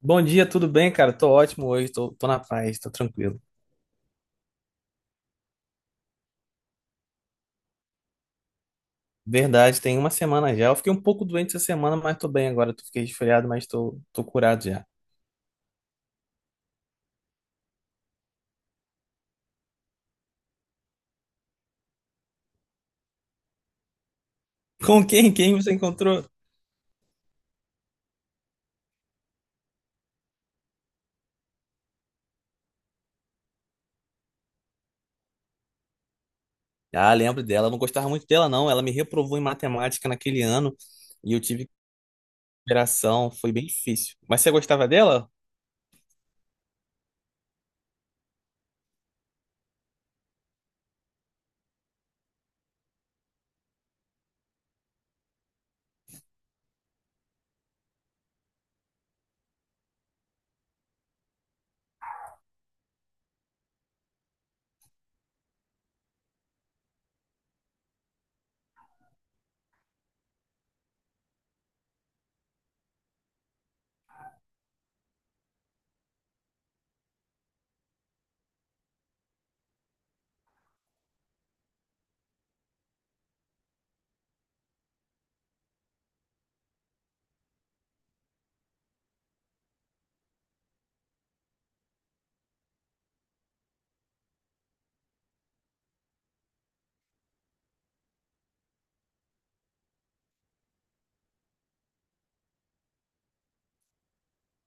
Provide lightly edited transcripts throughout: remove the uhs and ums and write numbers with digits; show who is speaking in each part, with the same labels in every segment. Speaker 1: Bom dia, tudo bem, cara? Tô ótimo hoje, tô na paz, tô tranquilo. Verdade, tem uma semana já. Eu fiquei um pouco doente essa semana, mas tô bem agora. Tô fiquei resfriado, mas tô curado já. Com quem? Quem você encontrou? Ah, lembro dela. Eu não gostava muito dela, não. Ela me reprovou em matemática naquele ano e eu tive recuperação. Foi bem difícil. Mas você gostava dela?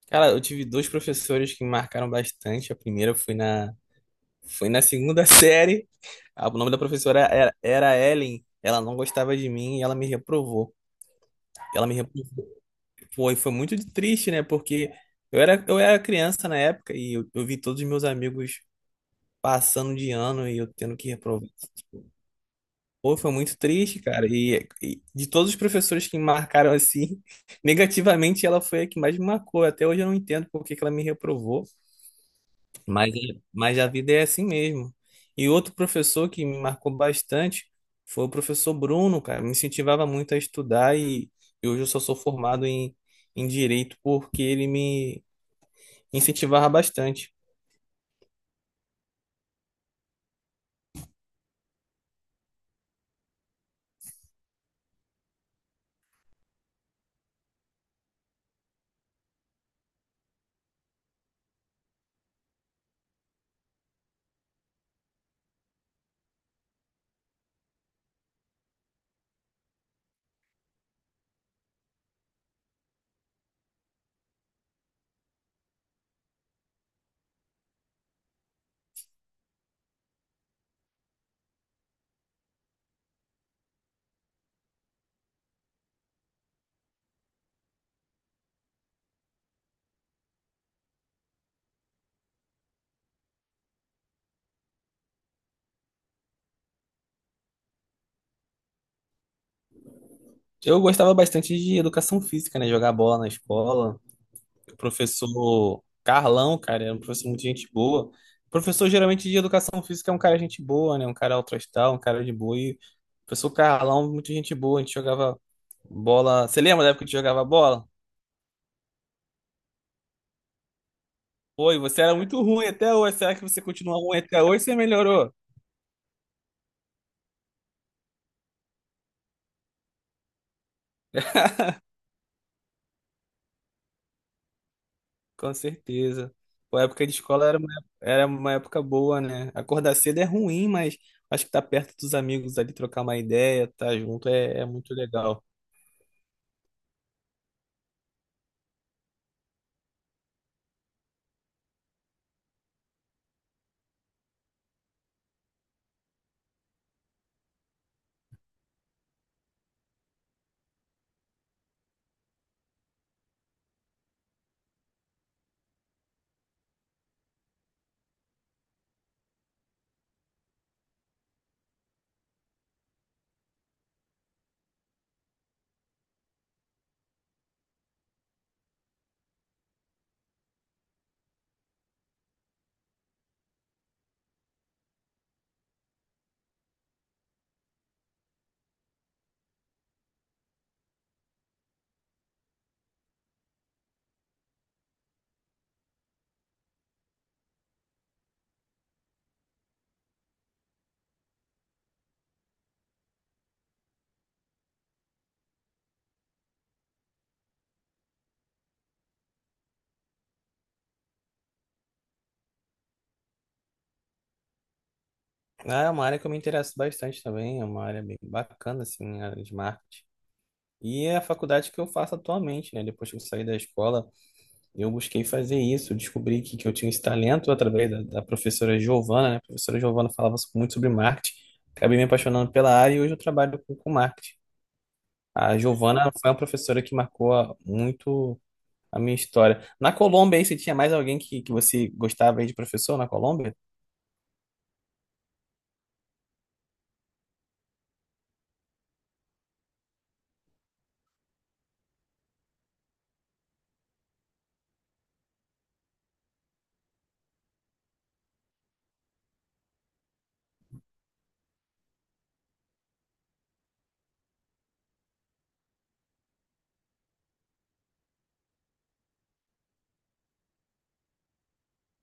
Speaker 1: Cara, eu tive dois professores que me marcaram bastante. A primeira foi foi na segunda série. Ah, o nome da professora era, era Ellen. Ela não gostava de mim e ela me reprovou. Ela me repulsou. Foi muito de triste, né? Porque eu era criança na época e eu vi todos os meus amigos passando de ano e eu tendo que reprovar. Pô, foi muito triste, cara. E de todos os professores que me marcaram assim, negativamente, ela foi a que mais me marcou. Até hoje eu não entendo por que que ela me reprovou. Mas, mas a vida é assim mesmo. E outro professor que me marcou bastante foi o professor Bruno, cara. Me incentivava muito a estudar e hoje eu só sou formado em direito porque ele me incentivava bastante. Eu gostava bastante de educação física, né? Jogar bola na escola. O professor Carlão, cara, era um professor muito gente boa. O professor geralmente de educação física é um cara gente boa, né? Um cara altruístal, um cara de boa. E o professor Carlão, muito gente boa. A gente jogava bola. Você lembra da época que a gente jogava bola? Oi, você era muito ruim até hoje. Será que você continua ruim até hoje? Você melhorou? Com certeza. Pô, a época de escola era uma época boa, né? Acordar cedo é ruim, mas acho que tá perto dos amigos ali, trocar uma ideia, tá junto é muito legal. É uma área que eu me interesso bastante também, é uma área bem bacana, assim, a área de marketing. E é a faculdade que eu faço atualmente, né? Depois que eu saí da escola, eu busquei fazer isso, eu descobri que eu tinha esse talento através da professora Giovana, né? A professora Giovana falava so, muito sobre marketing, acabei me apaixonando pela área e hoje eu trabalho com marketing. A Giovana foi uma professora que marcou a- muito a minha história. Na Colômbia, aí, você tinha mais alguém que você gostava aí de professor na Colômbia?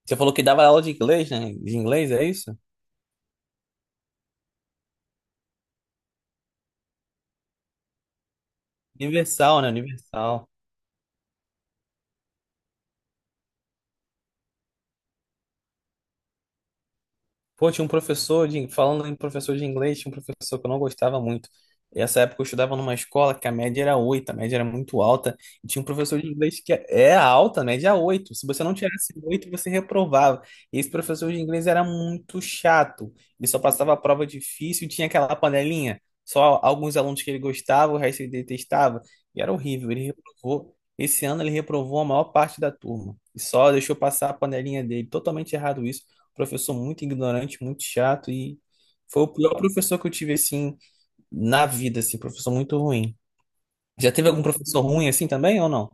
Speaker 1: Você falou que dava aula de inglês, né? De inglês, é isso? Universal, né? Universal. Pô, tinha um professor de, falando em professor de inglês, tinha um professor que eu não gostava muito. Essa época eu estudava numa escola que a média era 8, a média era muito alta, e tinha um professor de inglês que é alta, a média é 8. Se você não tirasse 8 você reprovava. E esse professor de inglês era muito chato. Ele só passava a prova difícil, tinha aquela panelinha, só alguns alunos que ele gostava, o resto ele detestava, e era horrível. Ele reprovou. Esse ano ele reprovou a maior parte da turma. E só deixou passar a panelinha dele. Totalmente errado isso. Professor muito ignorante, muito chato e foi o pior professor que eu tive assim na vida, assim, professor muito ruim. Já teve algum professor ruim assim também ou não?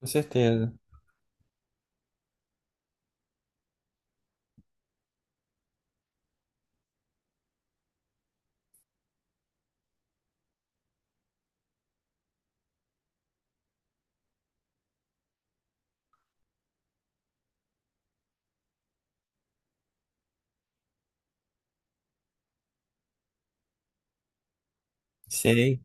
Speaker 1: Com certeza. Sei.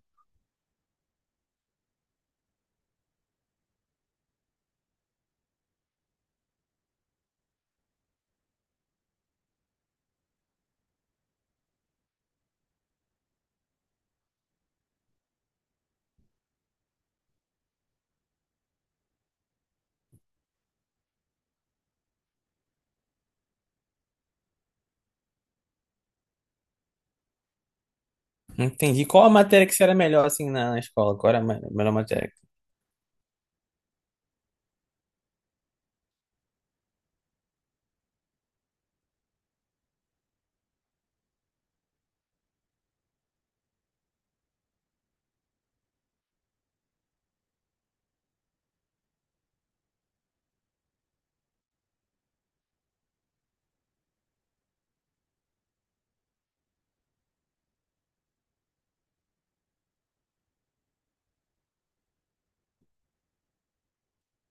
Speaker 1: Entendi. Qual a matéria que você era melhor assim na escola? Qual era a me- melhor matéria?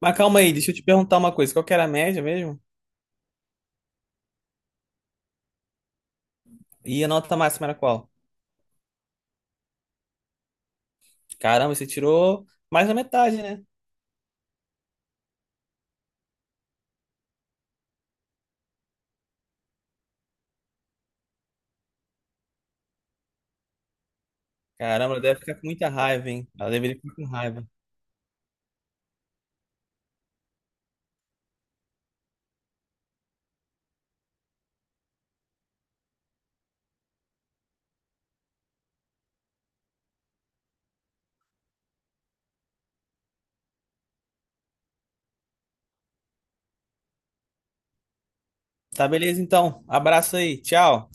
Speaker 1: Mas calma aí, deixa eu te perguntar uma coisa. Qual que era a média mesmo? E a nota máxima era qual? Caramba, você tirou mais da metade, né? Caramba, ela deve ficar com muita raiva, hein? Ela deveria ficar com raiva. Tá, beleza então. Abraço aí. Tchau.